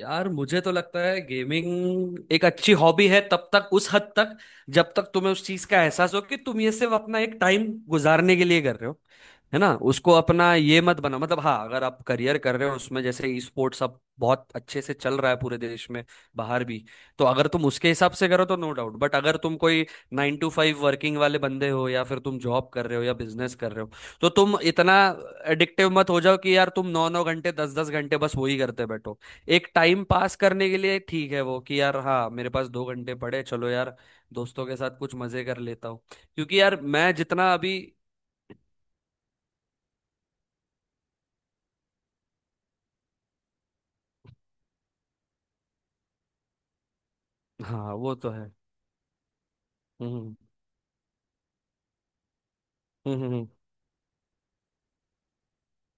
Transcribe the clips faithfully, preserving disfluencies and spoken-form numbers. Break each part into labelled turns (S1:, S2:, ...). S1: यार मुझे तो लगता है गेमिंग एक अच्छी हॉबी है तब तक, उस हद तक जब तक तुम्हें उस चीज का एहसास हो कि तुम ये सिर्फ अपना एक टाइम गुजारने के लिए कर रहे हो। है ना, उसको अपना ये मत बना। मतलब हाँ, अगर आप करियर कर रहे हो उसमें, जैसे ई स्पोर्ट्स अब बहुत अच्छे से चल रहा है पूरे देश में, बाहर भी। तो अगर तुम उसके हिसाब से करो तो नो डाउट। बट अगर तुम कोई नाइन टू फाइव वर्किंग वाले बंदे हो या फिर तुम जॉब कर रहे हो या बिजनेस कर रहे हो, तो तुम इतना एडिक्टिव मत हो जाओ कि यार तुम नौ नौ घंटे, दस दस घंटे बस वही करते बैठो। एक टाइम पास करने के लिए ठीक है वो कि यार हाँ, मेरे पास दो घंटे पड़े, चलो यार दोस्तों के साथ कुछ मजे कर लेता हूँ। क्योंकि यार मैं जितना अभी। हाँ, वो तो है। हम्म। हम्म। हम्म। हम्म, हम्म।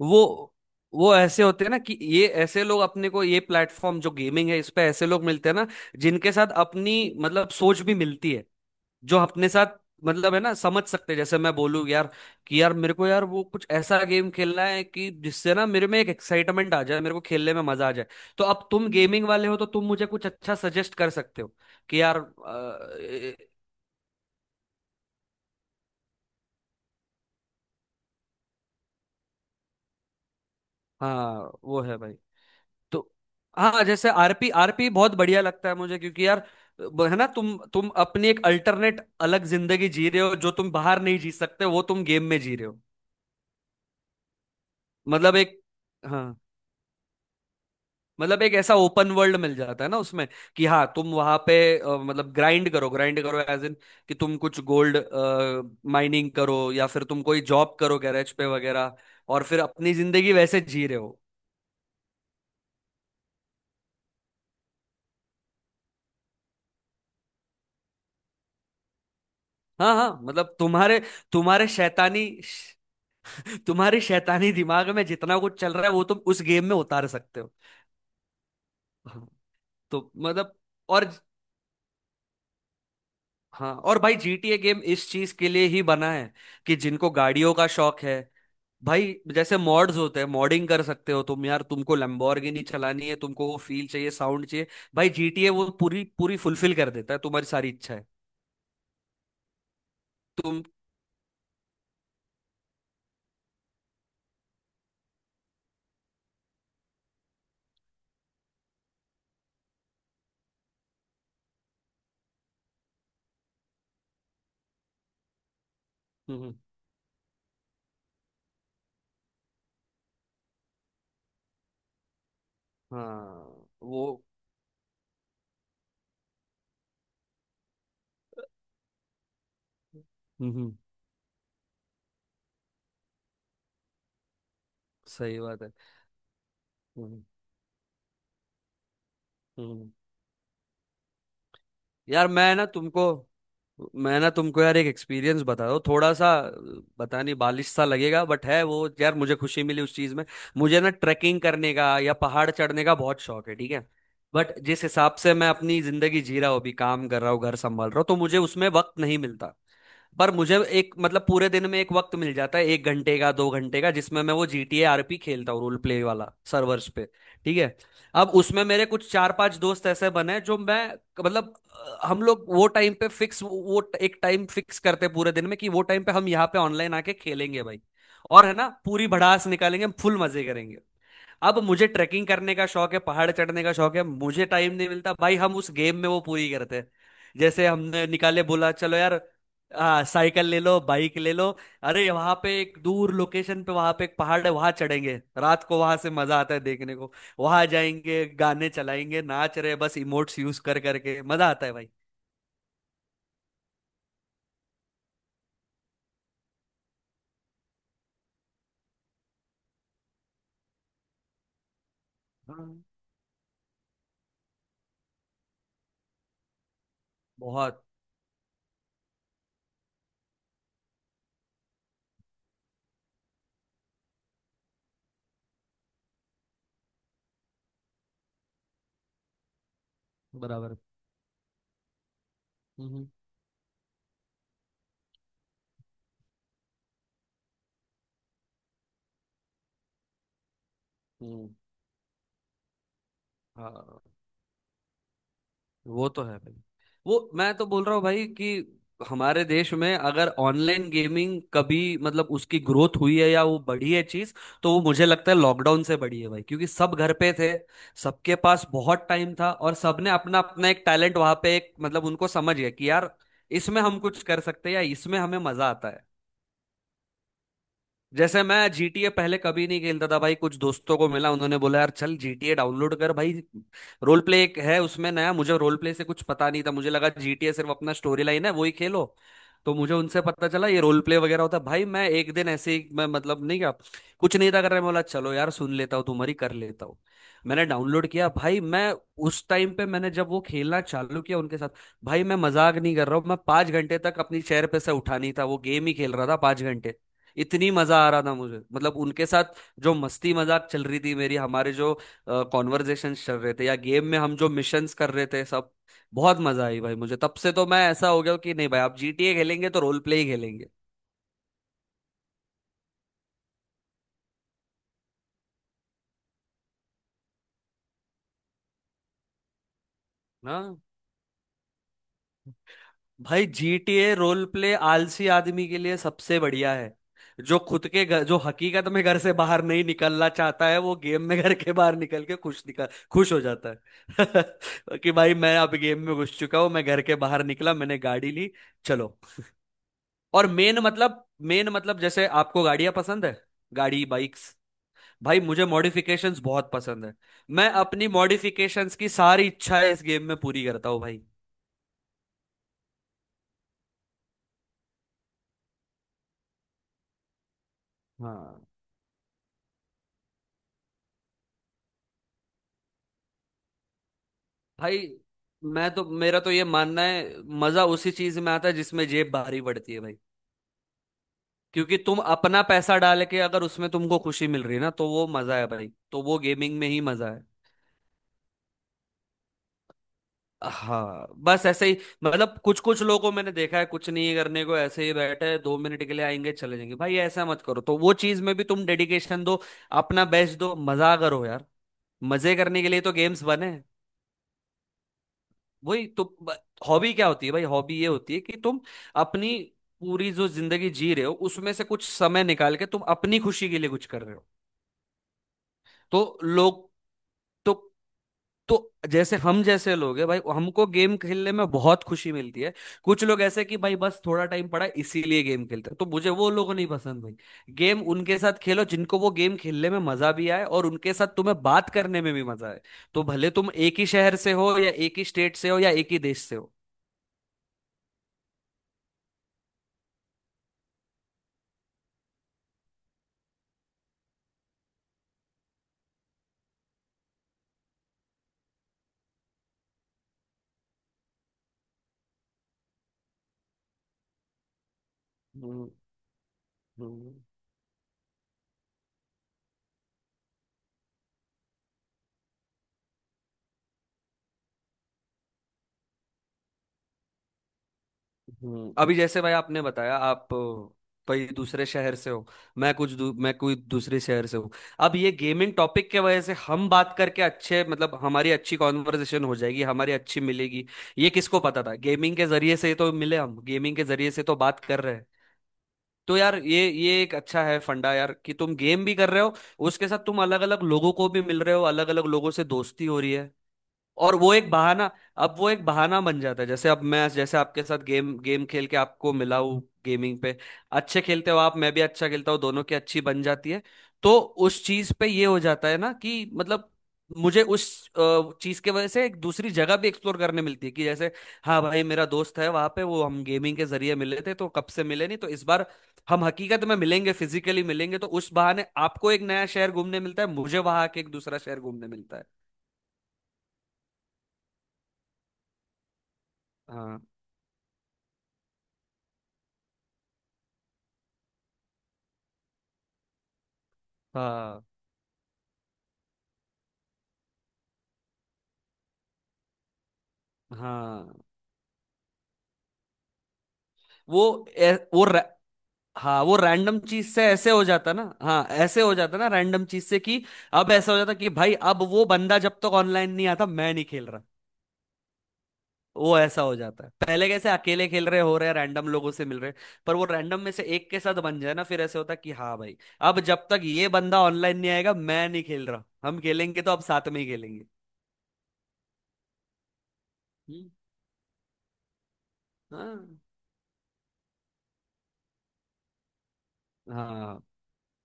S1: वो वो ऐसे होते हैं ना कि ये ऐसे लोग, अपने को ये प्लेटफॉर्म जो गेमिंग है, इस पे ऐसे लोग मिलते हैं ना जिनके साथ अपनी, मतलब सोच भी मिलती है। जो अपने साथ, मतलब है ना, समझ सकते हैं। जैसे मैं बोलूँ यार कि यार मेरे को यार वो कुछ ऐसा गेम खेलना है कि जिससे ना मेरे में एक एक्साइटमेंट आ जाए, मेरे को खेलने में मजा आ जाए। तो अब तुम गेमिंग वाले हो तो तुम मुझे कुछ अच्छा सजेस्ट कर सकते हो कि यार। अ, हाँ वो है भाई। तो हाँ, जैसे आरपी आरपी बहुत बढ़िया लगता है मुझे, क्योंकि यार ब- है ना, तुम तुम अपनी एक अल्टरनेट अलग जिंदगी जी रहे हो जो तुम बाहर नहीं जी सकते, वो तुम गेम में जी रहे हो। मतलब एक। हाँ, मतलब एक ऐसा ओपन वर्ल्ड मिल जाता है ना उसमें, कि हाँ तुम वहां पे अ, मतलब ग्राइंड करो, ग्राइंड करो, एज इन कि तुम कुछ गोल्ड माइनिंग करो या फिर तुम कोई जॉब करो, गैरेज पे वगैरह, और फिर अपनी जिंदगी वैसे जी रहे हो। हाँ हाँ, मतलब तुम्हारे तुम्हारे शैतानी तुम्हारे शैतानी दिमाग में जितना कुछ चल रहा है वो तुम उस गेम में उतार सकते हो। हाँ, तो मतलब। और हाँ, और भाई जीटीए गेम इस चीज के लिए ही बना है, कि जिनको गाड़ियों का शौक है, भाई जैसे मॉड्स होते हैं, मॉडिंग कर सकते हो तुम यार, तुमको लैम्बोर्गिनी चलानी है, तुमको वो फील चाहिए, साउंड चाहिए। भाई जीटीए वो पूरी पूरी फुलफिल कर देता है तुम्हारी सारी इच्छा है। तुम। हम्म, हाँ। वो। हम्म। सही बात है। हम्म। हम्म। यार मैं ना तुमको मैं ना तुमको यार एक एक्सपीरियंस बता दो थोड़ा सा। पता नहीं बालिश सा लगेगा बट है वो, यार मुझे खुशी मिली उस चीज में। मुझे ना ट्रैकिंग करने का या पहाड़ चढ़ने का बहुत शौक है, ठीक है। बट जिस हिसाब से मैं अपनी जिंदगी जी रहा हूँ, अभी काम कर रहा हूँ, घर संभाल रहा हूँ, तो मुझे उसमें वक्त नहीं मिलता। पर मुझे एक, मतलब पूरे दिन में एक वक्त मिल जाता है, एक घंटे का, दो घंटे का, जिसमें मैं वो जी टी ए आरपी खेलता हूँ, रोल प्ले वाला सर्वर्स पे। ठीक है। अब उसमें मेरे कुछ चार पांच दोस्त ऐसे बने हैं जो मैं, मतलब अ, हम लोग वो टाइम पे फिक्स, वो ट- एक टाइम फिक्स करते हैं पूरे दिन में, कि वो टाइम पे हम यहाँ पे ऑनलाइन आके खेलेंगे भाई, और है ना, पूरी भड़ास निकालेंगे, हम फुल मजे करेंगे। अब मुझे ट्रैकिंग करने का शौक है, पहाड़ चढ़ने का शौक है, मुझे टाइम नहीं मिलता भाई, हम उस गेम में वो पूरी करते हैं। जैसे हमने निकाले, बोला चलो यार, आ, साइकिल ले लो, बाइक ले लो, अरे वहां पे एक दूर लोकेशन पे, वहां पे एक पहाड़ है, वहां चढ़ेंगे रात को, वहां से मजा आता है देखने को, वहां जाएंगे, गाने चलाएंगे, नाच रहे बस, इमोट्स यूज कर करके मजा आता है भाई। हाँ। बहुत। बराबर। हम्म। हम्म, हाँ वो तो है भाई। वो मैं तो बोल रहा हूँ भाई कि हमारे देश में अगर ऑनलाइन गेमिंग कभी, मतलब उसकी ग्रोथ हुई है या वो बढ़ी है चीज, तो वो मुझे लगता है लॉकडाउन से बढ़ी है भाई, क्योंकि सब घर पे थे, सबके पास बहुत टाइम था, और सबने अपना अपना एक टैलेंट वहां पे, एक मतलब उनको समझ गया कि यार इसमें हम कुछ कर सकते हैं या इसमें हमें मजा आता है। जैसे मैं जीटीए पहले कभी नहीं खेलता था भाई, कुछ दोस्तों को मिला, उन्होंने बोला यार चल जीटीए डाउनलोड कर भाई, रोल प्ले एक है उसमें, नया मुझे, रोल प्ले से कुछ पता नहीं था, मुझे लगा जीटीए सिर्फ अपना स्टोरी लाइन है, वही खेलो। तो मुझे उनसे पता चला ये रोल प्ले वगैरह होता है भाई, मैं एक दिन ऐसे ही, मैं मतलब नहीं, क्या कुछ नहीं था कर रहा मैं, बोला चलो यार सुन लेता हूँ तुम्हारी, कर लेता हूँ। मैंने डाउनलोड किया भाई, मैं उस टाइम पे मैंने जब वो खेलना चालू किया उनके साथ, भाई मैं मजाक नहीं कर रहा हूँ, मैं पांच घंटे तक अपनी चेयर पे से उठा नहीं था, वो गेम ही खेल रहा था पांच घंटे। इतनी मजा आ रहा था मुझे, मतलब उनके साथ जो मस्ती मजाक चल रही थी मेरी, हमारे जो कॉन्वर्जेशन चल रहे थे, या गेम में हम जो मिशंस कर रहे थे, सब बहुत मजा आई भाई मुझे, तब से तो मैं ऐसा हो गया हूँ कि नहीं भाई, आप जीटीए खेलेंगे तो रोल प्ले ही खेलेंगे। ना। भाई जीटीए रोल प्ले आलसी आदमी के लिए सबसे बढ़िया है। जो खुद के घर, जो हकीकत में घर से बाहर नहीं निकलना चाहता है, वो गेम में घर के बाहर निकल के खुश, निकल खुश हो जाता है कि भाई मैं अब गेम में घुस चुका हूँ, मैं घर के बाहर निकला, मैंने गाड़ी ली, चलो। और मेन मतलब, मेन मतलब जैसे आपको गाड़ियां पसंद है, गाड़ी, बाइक्स। भाई मुझे मॉडिफिकेशंस बहुत पसंद है, मैं अपनी मॉडिफिकेशंस की सारी इच्छाएं इस गेम में पूरी करता हूँ भाई। हाँ। भाई मैं तो, मेरा तो ये मानना है, मजा उसी चीज में आता है जिसमें जेब भारी पड़ती है भाई, क्योंकि तुम अपना पैसा डाल के अगर उसमें तुमको खुशी मिल रही है ना, तो वो मजा है भाई, तो वो गेमिंग में ही मजा है। हाँ, बस ऐसे ही, मतलब कुछ कुछ लोगों को मैंने देखा है कुछ नहीं करने को ऐसे ही बैठे, दो मिनट के लिए आएंगे चले जाएंगे, भाई ऐसा मत करो, तो वो चीज में भी तुम डेडिकेशन दो, अपना बेस्ट दो, मजा करो यार। मजे करने के लिए तो गेम्स बने। वही तो। हॉबी क्या होती है भाई, हॉबी ये होती है कि तुम अपनी पूरी जो जिंदगी जी रहे हो उसमें से कुछ समय निकाल के तुम अपनी खुशी के लिए कुछ कर रहे हो। तो लोग, तो तो जैसे हम जैसे लोग हैं भाई, हमको गेम खेलने में बहुत खुशी मिलती है। कुछ लोग ऐसे कि भाई बस थोड़ा टाइम पड़ा है, इसीलिए गेम खेलते हैं, तो मुझे वो लोग नहीं पसंद भाई। गेम उनके साथ खेलो जिनको वो गेम खेलने में मजा भी आए, और उनके साथ तुम्हें बात करने में भी मजा आए। तो भले तुम एक ही शहर से हो या एक ही स्टेट से हो या एक ही देश से हो। हम्म, हम्म। अभी जैसे भाई आपने बताया आप अ, कोई दूसरे शहर से हो, मैं कुछ दू, मैं कोई दूसरे शहर से हूँ, अब ये गेमिंग टॉपिक के वजह से हम बात करके अच्छे, मतलब हमारी अच्छी कॉन्वर्सेशन हो जाएगी, हमारी अच्छी मिलेगी। ये किसको पता था, गेमिंग के जरिए से तो मिले हम, गेमिंग के जरिए से तो बात कर रहे हैं। तो यार ये ये एक अच्छा है फंडा यार, कि तुम गेम भी कर रहे हो, उसके साथ तुम अलग अलग लोगों को भी मिल रहे हो, अलग अलग लोगों से दोस्ती हो रही है, और वो एक बहाना अब वो एक बहाना बन जाता है, जैसे अब मैं जैसे आपके साथ गेम गेम खेल के आपको मिला हूँ गेमिंग पे, अच्छे खेलते हो आप, मैं भी अच्छा खेलता हूँ, दोनों की अच्छी बन जाती है। तो उस चीज पे ये हो जाता है ना, कि मतलब मुझे उस चीज के वजह से एक दूसरी जगह भी एक्सप्लोर करने मिलती है, कि जैसे हाँ भाई मेरा दोस्त है वहां पे, वो हम गेमिंग के जरिए मिले थे, तो कब से मिले नहीं, तो इस बार हम हकीकत में मिलेंगे, फिजिकली मिलेंगे, तो उस बहाने आपको एक नया शहर घूमने मिलता है, मुझे वहां के, एक दूसरा शहर घूमने मिलता है। हाँ, हाँ, हाँ। वो। ए, वो रै- हाँ वो रैंडम चीज से ऐसे हो जाता ना, हाँ ऐसे हो जाता ना रैंडम चीज से, कि अब ऐसा हो जाता कि भाई अब वो बंदा जब तक ऑनलाइन नहीं आता, मैं नहीं खेल रहा। वो ऐसा हो जाता है, पहले कैसे अकेले खेल रहे हो रहे, रैंडम लोगों से मिल रहे, पर वो रैंडम में से एक के साथ बन जाए ना, फिर ऐसे होता कि हाँ भाई, अब जब तक ये बंदा ऑनलाइन नहीं आएगा मैं नहीं खेल रहा, हम खेलेंगे तो अब साथ में ही खेलेंगे। हम्म, हाँ, हाँ।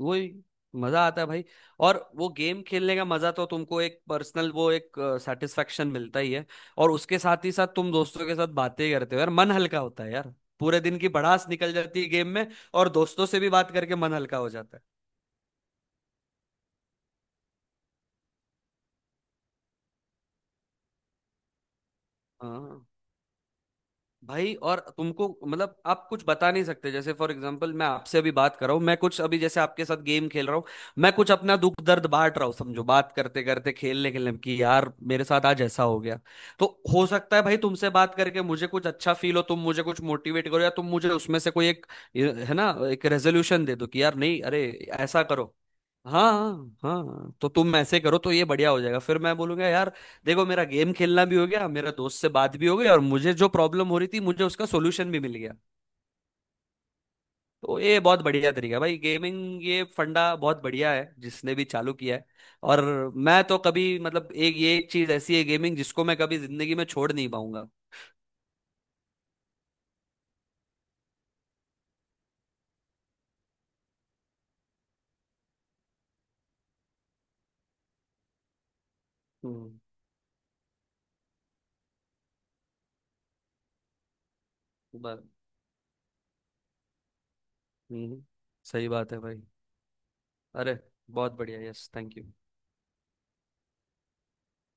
S1: वही मजा आता है भाई। और वो गेम खेलने का मजा तो तुमको एक पर्सनल वो एक सेटिस्फेक्शन मिलता ही है, और उसके साथ ही साथ तुम दोस्तों के साथ बातें करते हो यार, मन हल्का होता है यार, पूरे दिन की भड़ास निकल जाती है गेम में, और दोस्तों से भी बात करके मन हल्का हो जाता है। हाँ। भाई और तुमको, मतलब आप कुछ बता नहीं सकते, जैसे फॉर एग्जांपल मैं आपसे अभी बात कर रहा हूँ, मैं कुछ अभी जैसे आपके साथ गेम खेल रहा हूँ, मैं कुछ अपना दुख दर्द बांट रहा हूँ, समझो बात करते करते, खेलने खेलने में कि यार मेरे साथ आज ऐसा हो गया, तो हो सकता है भाई तुमसे बात करके मुझे कुछ अच्छा फील हो, तुम मुझे कुछ मोटिवेट करो, या तुम मुझे उसमें से कोई एक, ये है ना, एक रेजोल्यूशन दे दो कि यार नहीं अरे ऐसा करो। हाँ हाँ, तो तुम ऐसे करो तो ये बढ़िया हो जाएगा, फिर मैं बोलूंगा यार देखो, मेरा गेम खेलना भी हो गया, मेरा दोस्त से बात भी हो गई, और मुझे जो प्रॉब्लम हो रही थी मुझे उसका सोल्यूशन भी मिल गया। तो ये बहुत बढ़िया तरीका है भाई गेमिंग, ये फंडा बहुत बढ़िया है जिसने भी चालू किया है। और मैं तो कभी, मतलब एक ये एक चीज ऐसी है गेमिंग जिसको मैं कभी जिंदगी में छोड़ नहीं पाऊंगा। हम्म। बस। हम्म। सही बात है भाई। अरे बहुत बढ़िया, यस थैंक यू।